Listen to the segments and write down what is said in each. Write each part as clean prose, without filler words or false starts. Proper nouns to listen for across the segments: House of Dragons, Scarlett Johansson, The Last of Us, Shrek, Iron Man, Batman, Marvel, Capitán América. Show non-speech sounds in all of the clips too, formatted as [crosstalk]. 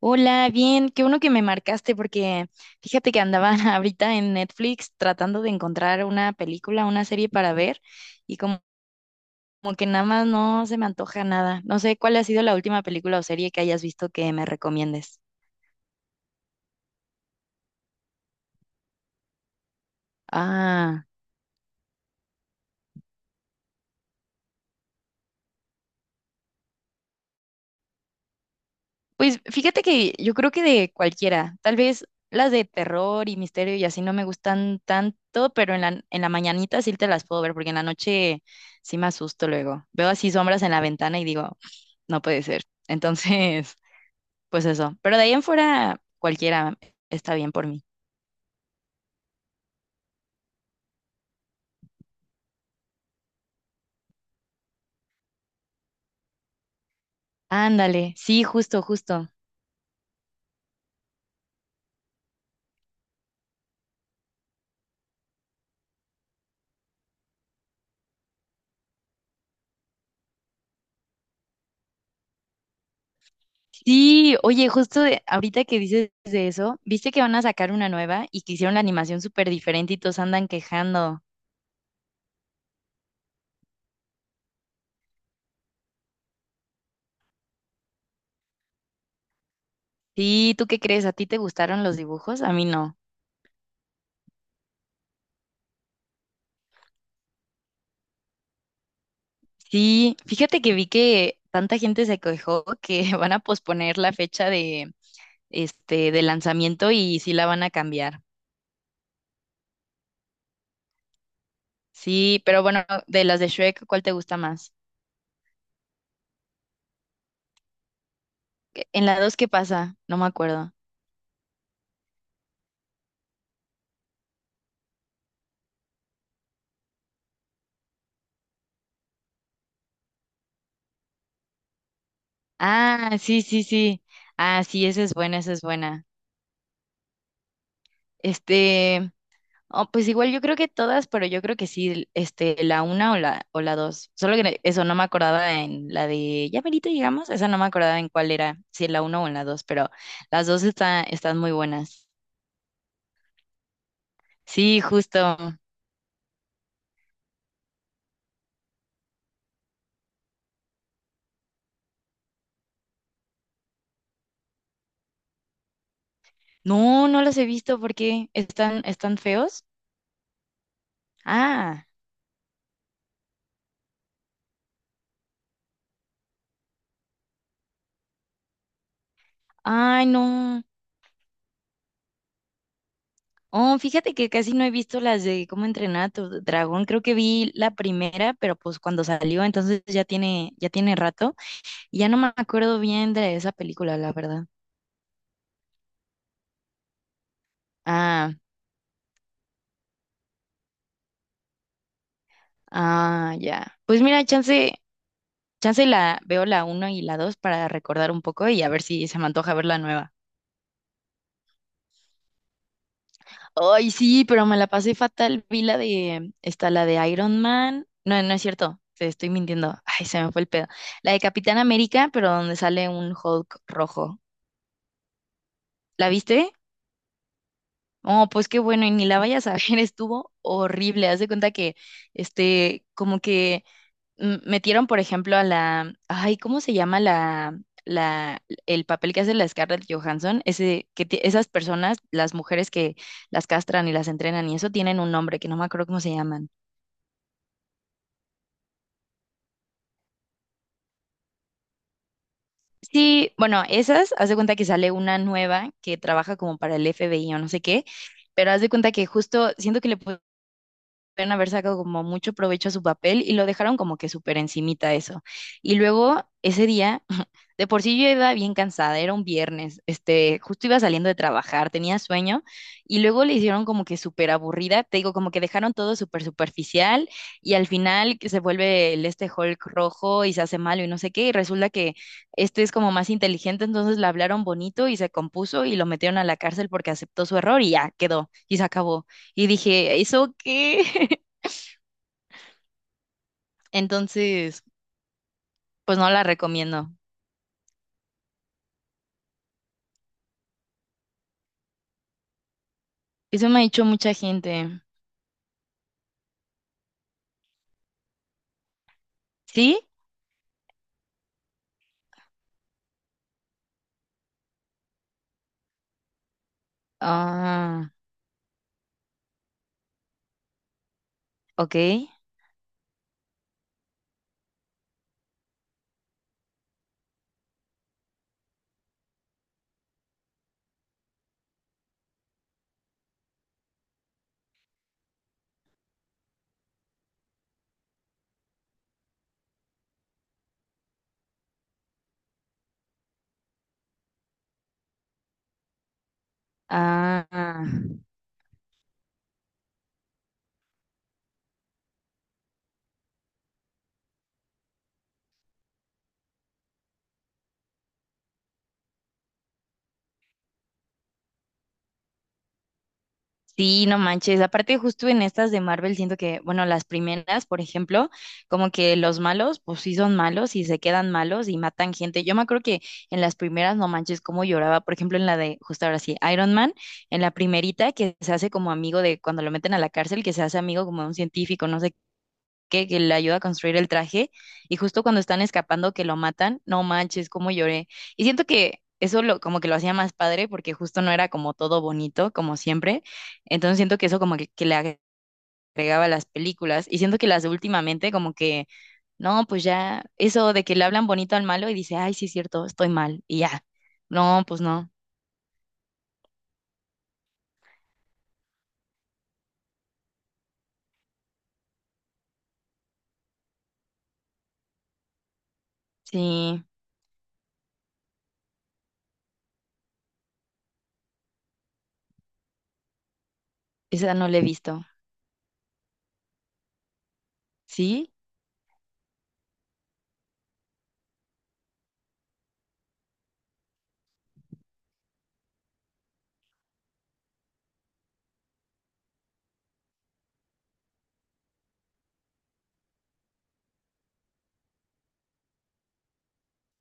Hola, bien, qué bueno que me marcaste porque fíjate que andaba [laughs] ahorita en Netflix tratando de encontrar una película, una serie para ver y como que nada más no se me antoja nada. No sé cuál ha sido la última película o serie que hayas visto que me recomiendes. Ah, pues fíjate que yo creo que de cualquiera, tal vez las de terror y misterio y así no me gustan tanto, pero en la mañanita sí te las puedo ver porque en la noche sí me asusto luego. Veo así sombras en la ventana y digo, no puede ser. Entonces, [laughs] pues eso. Pero de ahí en fuera, cualquiera está bien por mí. Ándale, sí, justo. Sí, oye, justo ahorita que dices de eso, viste que van a sacar una nueva y que hicieron la animación súper diferente y todos andan quejando. Sí, ¿tú qué crees? ¿A ti te gustaron los dibujos? A mí no. Sí, fíjate que vi que tanta gente se quejó que [laughs] van a posponer la fecha de este de lanzamiento y sí la van a cambiar. Sí, pero bueno, de las de Shrek, ¿cuál te gusta más? En la dos, ¿qué pasa? No me acuerdo. Ah, sí, sí, sí. Ah, sí, esa es buena, esa es buena. Este, oh, pues igual yo creo que todas, pero yo creo que sí, este, la una o la dos. Solo que eso no me acordaba en la de ya perito llegamos, esa no me acordaba en cuál era, si en la una o en la dos, pero las dos están muy buenas. Sí, justo. No, no las he visto porque están feos. Ah, ay, no. Oh, fíjate que casi no he visto las de cómo entrenar a tu dragón. Creo que vi la primera, pero pues cuando salió, entonces ya tiene rato. Y ya no me acuerdo bien de esa película, la verdad. Ah, ah, ya. Pues mira, chance, chance la veo la uno y la dos para recordar un poco y a ver si se me antoja ver la nueva. Ay, sí, pero me la pasé fatal. Vi la de, está la de Iron Man. No, no es cierto. Te estoy mintiendo. Ay, se me fue el pedo. La de Capitán América, pero donde sale un Hulk rojo. ¿La viste? Oh, pues qué bueno, y ni la vayas a ver, [laughs] estuvo horrible. Haz de cuenta que, este, como que metieron, por ejemplo, a la, ay, ¿cómo se llama el papel que hace la Scarlett Johansson? Ese, que esas personas, las mujeres que las castran y las entrenan y eso, tienen un nombre que no me acuerdo cómo se llaman. Sí, bueno, esas, haz de cuenta que sale una nueva que trabaja como para el FBI o no sé qué, pero haz de cuenta que justo siento que le pudieron haber sacado como mucho provecho a su papel y lo dejaron como que súper encimita eso. Y luego ese día, [laughs] de por sí yo iba bien cansada, era un viernes, este, justo iba saliendo de trabajar, tenía sueño y luego le hicieron como que súper aburrida, te digo, como que dejaron todo súper superficial y al final que se vuelve el este Hulk rojo y se hace malo y no sé qué y resulta que este es como más inteligente, entonces le hablaron bonito y se compuso y lo metieron a la cárcel porque aceptó su error y ya quedó y se acabó. Y dije, ¿eso qué? [laughs] Entonces, pues no la recomiendo. Eso me ha dicho mucha gente. ¿Sí? Ah, ok. Ah, ah. Sí, no manches. Aparte, justo en estas de Marvel, siento que, bueno, las primeras, por ejemplo, como que los malos, pues sí son malos y se quedan malos y matan gente. Yo me acuerdo que en las primeras, no manches, cómo lloraba. Por ejemplo, en la de, justo ahora sí, Iron Man, en la primerita que se hace como amigo de cuando lo meten a la cárcel, que se hace amigo como de un científico, no sé que le ayuda a construir el traje, y justo cuando están escapando que lo matan, no manches, cómo lloré. Y siento que eso lo, como que lo hacía más padre, porque justo no era como todo bonito, como siempre. Entonces siento que eso como que le agregaba a las películas, y siento que las de últimamente como que, no, pues ya, eso de que le hablan bonito al malo y dice, ay, sí es cierto, estoy mal, y ya. No, pues no, sí, esa no la he visto. ¿Sí?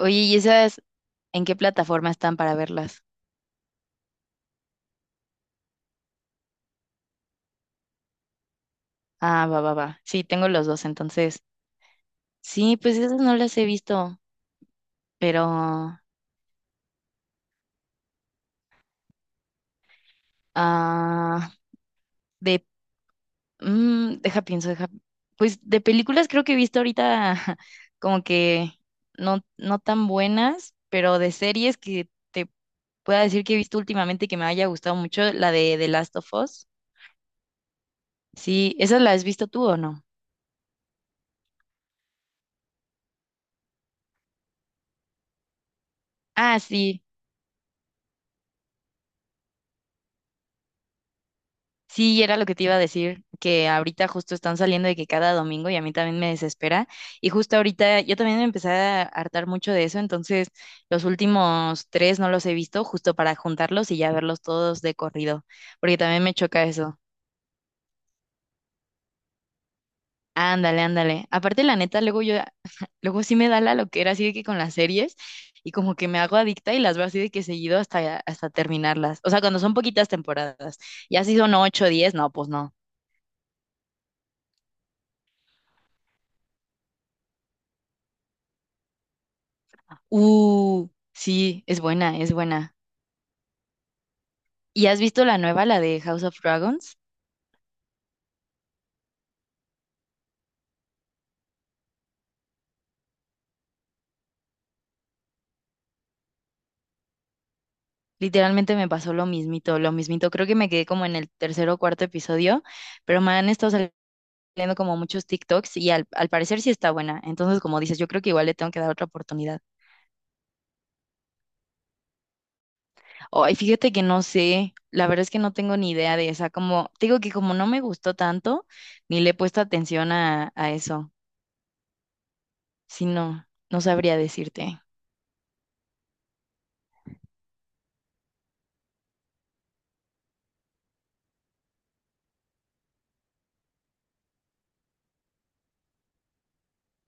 Oye, ¿y esas en qué plataforma están para verlas? Ah, va, va, va. Sí, tengo los dos, entonces. Sí, pues esas no las he visto, pero ah, de deja pienso, deja pues de películas creo que he visto ahorita [laughs] como que no tan buenas, pero de series que te pueda decir que he visto últimamente que me haya gustado mucho la de The Last of Us. Sí, ¿esa la has visto tú o no? Ah, sí. Sí, era lo que te iba a decir, que ahorita justo están saliendo de que cada domingo y a mí también me desespera. Y justo ahorita yo también me empecé a hartar mucho de eso, entonces los últimos tres no los he visto justo para juntarlos y ya verlos todos de corrido, porque también me choca eso. Ándale, ándale. Aparte, la neta, luego yo, [laughs] luego sí me da la loquera así de que con las series y como que me hago adicta y las veo así de que seguido hasta terminarlas. O sea, cuando son poquitas temporadas, ya si son 8 o 10, no, pues no. Sí, es buena, es buena. ¿Y has visto la nueva, la de House of Dragons? Literalmente me pasó lo mismito, lo mismito. Creo que me quedé como en el tercer o cuarto episodio, pero me han estado saliendo como muchos TikToks y al parecer sí está buena. Entonces, como dices, yo creo que igual le tengo que dar otra oportunidad. Ay, fíjate que no sé, la verdad es que no tengo ni idea de esa. Como, te digo que como no me gustó tanto, ni le he puesto atención a eso. Si no, no sabría decirte.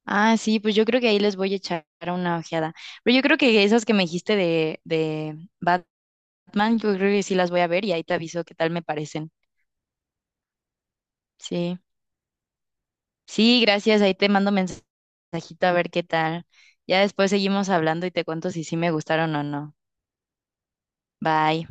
Ah, sí, pues yo creo que ahí les voy a echar una ojeada. Pero yo creo que esas que me dijiste de Batman, yo creo que sí las voy a ver y ahí te aviso qué tal me parecen. Sí. Sí, gracias. Ahí te mando mensajito a ver qué tal. Ya después seguimos hablando y te cuento si sí me gustaron o no. Bye.